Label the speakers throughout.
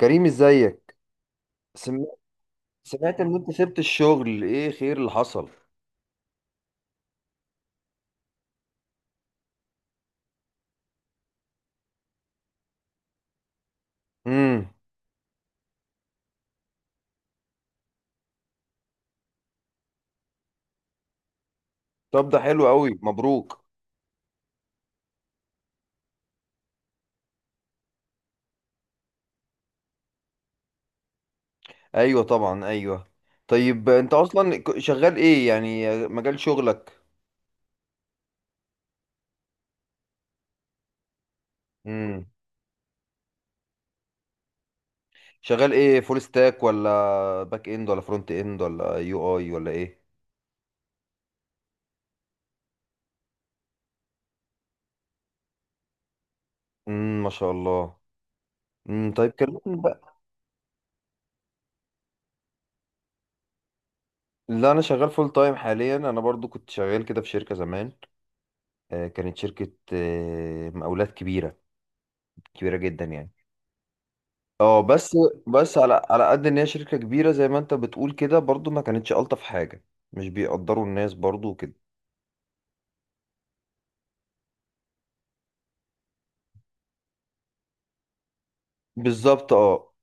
Speaker 1: كريم، ازيك؟ سم... سمعت ان انت سبت الشغل، ايه خير اللي حصل؟ امم. طب، ده حلو قوي، مبروك. ايوه طبعا، ايوه. طيب، انت اصلا شغال ايه يعني، مجال شغلك؟ امم. شغال ايه، فول ستاك ولا باك اند ولا فرونت اند ولا يو اي ولا ايه؟ امم، ما شاء الله. امم، طيب كلمني بقى. لا، انا شغال فول تايم حاليا. انا برضو كنت شغال كده في شركة زمان. كانت شركة مقاولات كبيرة، كبيرة جدا يعني. اه بس. بس على قد ان هي شركة كبيرة زي ما انت بتقول، كده برضو ما كانتش ألطف حاجة. مش بيقدروا الناس برضو وكده. بالظبط، اه.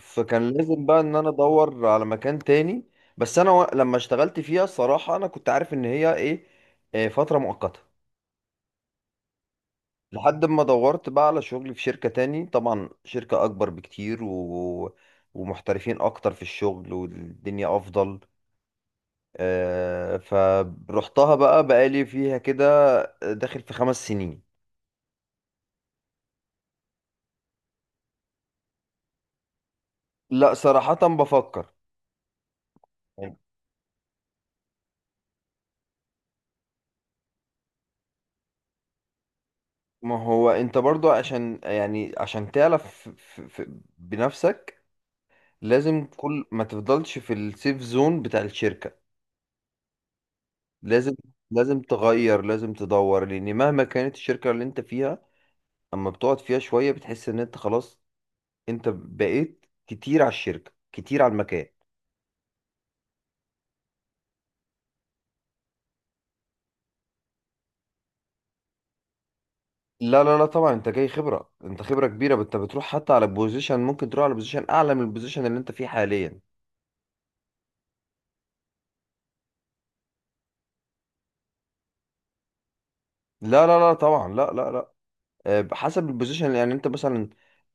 Speaker 1: فكان لازم بقى ان انا ادور على مكان تاني. بس انا لما اشتغلت فيها، الصراحة انا كنت عارف ان هي ايه، فترة مؤقتة. لحد ما دورت بقى على شغل في شركة تاني، طبعا شركة اكبر بكتير ومحترفين اكتر في الشغل، والدنيا افضل. فروحتها بقى، بقالي فيها كده داخل في 5 سنين. لا، صراحة بفكر. ما هو انت برضو، عشان يعني عشان تعرف بنفسك، لازم كل ما تفضلش في السيف زون بتاع الشركة. لازم. لازم تغير، لازم تدور، لان مهما كانت الشركة اللي انت فيها، اما بتقعد فيها شوية، بتحس ان انت خلاص. انت بقيت كتير على الشركة، كتير على المكان. لا لا لا، طبعا انت جاي خبرة، انت خبرة كبيرة، انت بتروح حتى على بوزيشن، ممكن تروح على بوزيشن اعلى من البوزيشن اللي انت فيه حاليا. لا لا لا طبعا، لا لا لا. حسب البوزيشن يعني، انت مثلا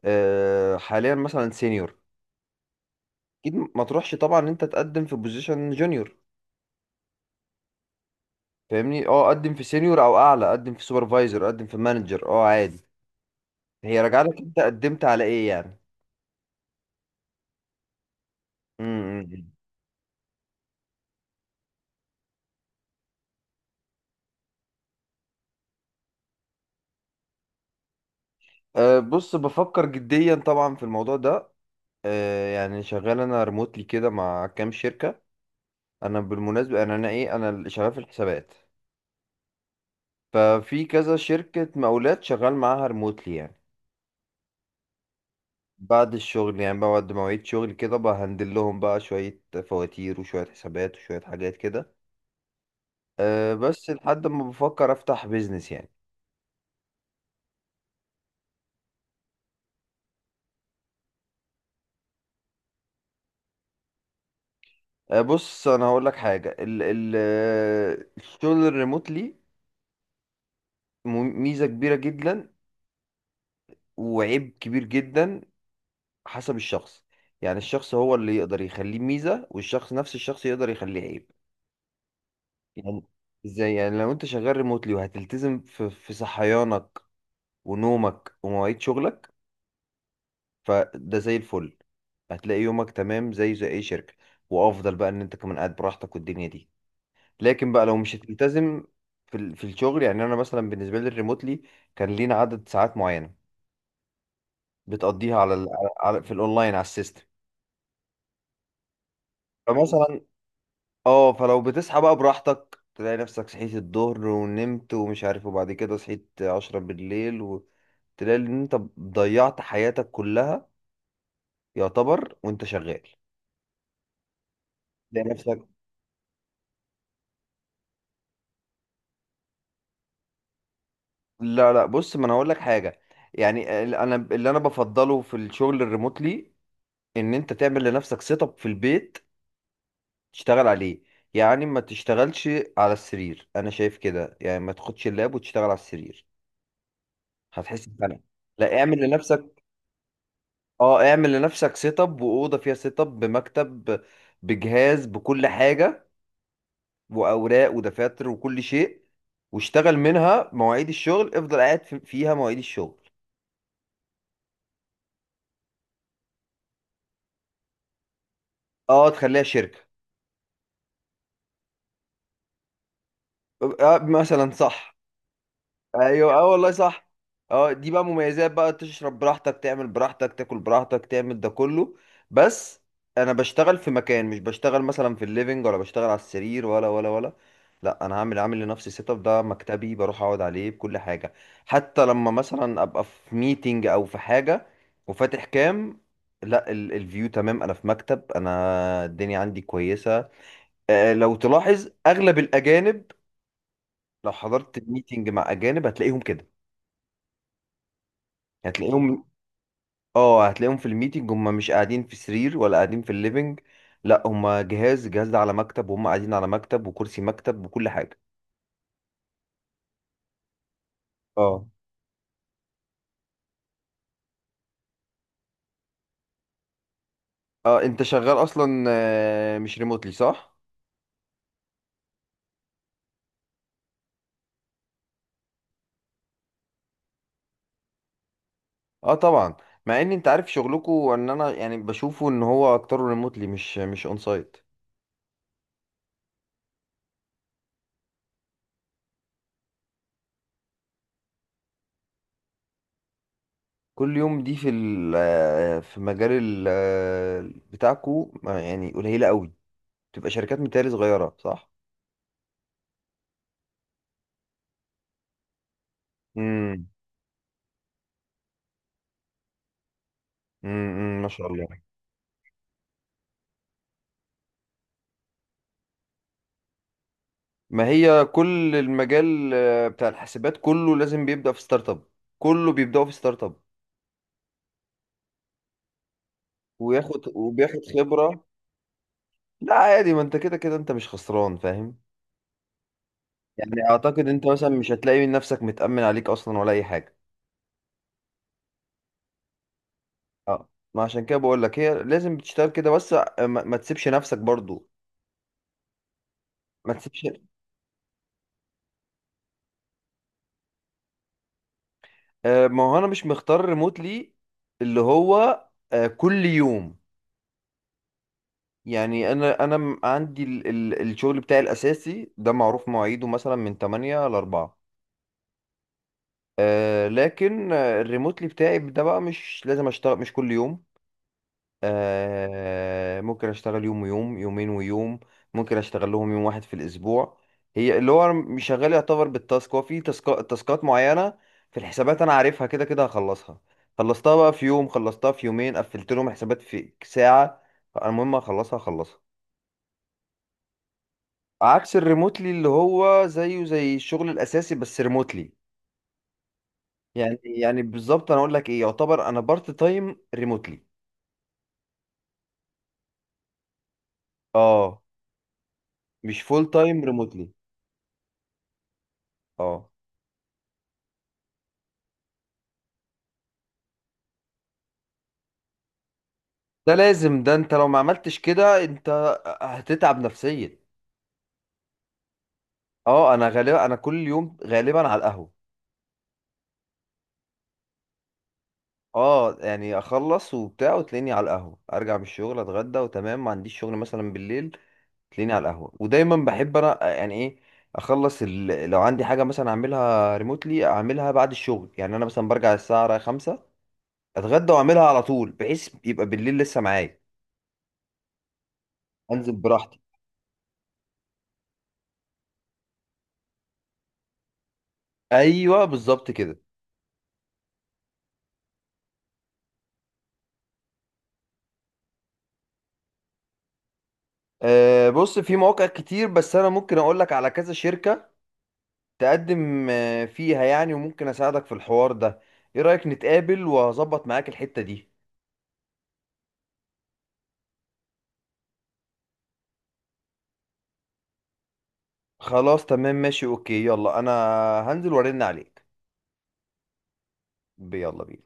Speaker 1: حاليا مثلا سينيور. اكيد ما تروحش طبعا ان انت تقدم في بوزيشن جونيور. فاهمني، اه. قدم في سينيور او اعلى، قدم في سوبرفايزر، قدم في مانجر، اه، عادي. هي راجعه لك، انت قدمت على ايه يعني. امم. أه، بص، بفكر جديا طبعا في الموضوع ده. أه، يعني شغال انا ريموتلي كده مع كام شركة. انا بالمناسبه، انا اللي شغال في الحسابات. ففي كذا شركه مقاولات شغال معاها ريموتلي يعني. بعد الشغل يعني، بعد مواعيد شغل كده، بهندل لهم بقى شويه فواتير وشويه حسابات وشويه حاجات كده. أه بس، لحد ما بفكر افتح بيزنس يعني. أه، بص، انا هقول لك حاجه، ال ال آه، الشغل الريموتلي م- ميزه كبيره جدا وعيب كبير جدا. حسب الشخص. يعني الشخص هو اللي يقدر يخليه ميزه، والشخص نفس الشخص يقدر يخليه عيب. يعني ازاي؟ يعني لو انت شغال ريموتلي، وهتلتزم في صحيانك ونومك ومواعيد شغلك، فده زي الفل. هتلاقي يومك تمام زي اي شركة. وافضل بقى ان انت كمان قاعد براحتك والدنيا دي. لكن بقى لو مش هتلتزم في الشغل، يعني انا مثلا بالنسبة لي الريموتلي، كان لينا عدد ساعات معينة بتقضيها في الاونلاين على السيستم. فمثلا، اه، فلو بتصحى بقى براحتك، تلاقي نفسك صحيت الظهر ونمت ومش عارف، وبعد كده صحيت 10 بالليل. تلاقي ان انت ضيعت حياتك كلها، يعتبر، وانت شغال. تلاقي نفسك. لا لا، بص، ما انا هقول لك حاجه. يعني انا اللي انا بفضله في الشغل الريموتلي ان انت تعمل لنفسك سيت اب في البيت، تشتغل عليه. يعني ما تشتغلش على السرير. انا شايف كده يعني، ما تاخدش اللاب وتشتغل على السرير. هتحس بفرق. لا، اعمل لنفسك. اه، اعمل لنفسك سيت اب، واوضه فيها سيت اب بمكتب بجهاز بكل حاجه، واوراق ودفاتر وكل شيء. واشتغل منها مواعيد الشغل، افضل قاعد فيها مواعيد الشغل. اه، تخليها شركه، ابقى مثلا صح. ايوه، اه والله صح. اه، دي بقى مميزات بقى، تشرب براحتك، تعمل براحتك، تاكل براحتك، تعمل ده كله. بس انا بشتغل في مكان، مش بشتغل مثلا في الليفينج، ولا بشتغل على السرير، ولا. لا، انا عامل لنفسي سيت اب، ده مكتبي، بروح اقعد عليه بكل حاجه. حتى لما مثلا ابقى في ميتنج او في حاجه وفاتح كام، لا، الفيو تمام، انا في مكتب، انا الدنيا عندي كويسه. لو تلاحظ اغلب الاجانب، لو حضرت ميتنج مع اجانب، هتلاقيهم كده. هتلاقيهم اه هتلاقيهم في الميتنج، هم مش قاعدين في سرير، ولا قاعدين في الليفينج. لا، هم الجهاز ده على مكتب، وهم قاعدين على مكتب وكرسي مكتب وكل حاجة. اه، اه. انت شغال اصلا مش ريموتلي، صح؟ اه، طبعا. مع ان انت عارف شغلكو، ان انا يعني بشوفه ان هو اكتره ريموتلي، مش اون سايت. كل يوم دي في ال آه، في مجال ال آه، بتاعكو، ما يعني قليله قوي. تبقى شركات متهيألي صغيره، صح؟ امم. امم، ما شاء الله. ما هي كل المجال بتاع الحاسبات كله لازم بيبدأ في ستارت اب. كله بيبدأوا في ستارت اب. وبياخد خبرة. لا، عادي، ما انت كده كده انت مش خسران، فاهم. يعني اعتقد انت مثلا مش هتلاقي نفسك متأمن عليك اصلا ولا اي حاجة. اه. ما عشان كده بقول لك، هي لازم بتشتغل كده، بس ما تسيبش نفسك برضو. ما تسيبش. ما هو انا مش مختار ريموتلي اللي هو كل يوم. يعني انا عندي ال الشغل بتاعي الاساسي، ده معروف مواعيده مثلا من 8 ل 4. آه، لكن الريموتلي بتاعي ده بقى مش لازم اشتغل مش كل يوم. آه، ممكن اشتغل يوم ويوم، يومين ويوم. ممكن اشتغل لهم يوم واحد في الاسبوع. هي اللي هو أنا مش شغال يعتبر بالتاسك، هو في تاسكات معينة في الحسابات انا عارفها كده كده هخلصها. خلصتها بقى في يوم، خلصتها في يومين، قفلت لهم حسابات في ساعة. المهم اخلصها اخلصها. عكس الريموتلي اللي هو زيه زي الشغل الاساسي، بس ريموتلي. يعني بالظبط، انا اقول لك ايه، يعتبر انا بارت تايم ريموتلي. اه، مش فول تايم ريموتلي. اه. ده لازم. ده انت لو ما عملتش كده، انت هتتعب نفسيا. اه، انا غالبا، انا كل يوم غالبا على القهوه. اه يعني، اخلص وبتاع وتلاقيني على القهوه، ارجع من الشغل، اتغدى، وتمام. ما عنديش شغل مثلا بالليل، تلاقيني على القهوة. ودايما بحب انا يعني ايه، اخلص لو عندي حاجة مثلا اعملها ريموتلي، اعملها بعد الشغل. يعني انا مثلا برجع الساعة 5، اتغدى واعملها على طول، بحيث يبقى بالليل لسه معايا. انزل براحتي. ايوه بالظبط كده. أه، بص، في مواقع كتير، بس انا ممكن اقول لك على كذا شركة تقدم فيها يعني، وممكن اساعدك في الحوار ده. ايه رأيك نتقابل، وهظبط معاك الحتة دي؟ خلاص، تمام، ماشي، اوكي، يلا. انا هنزل وارن عليك. يلا بينا.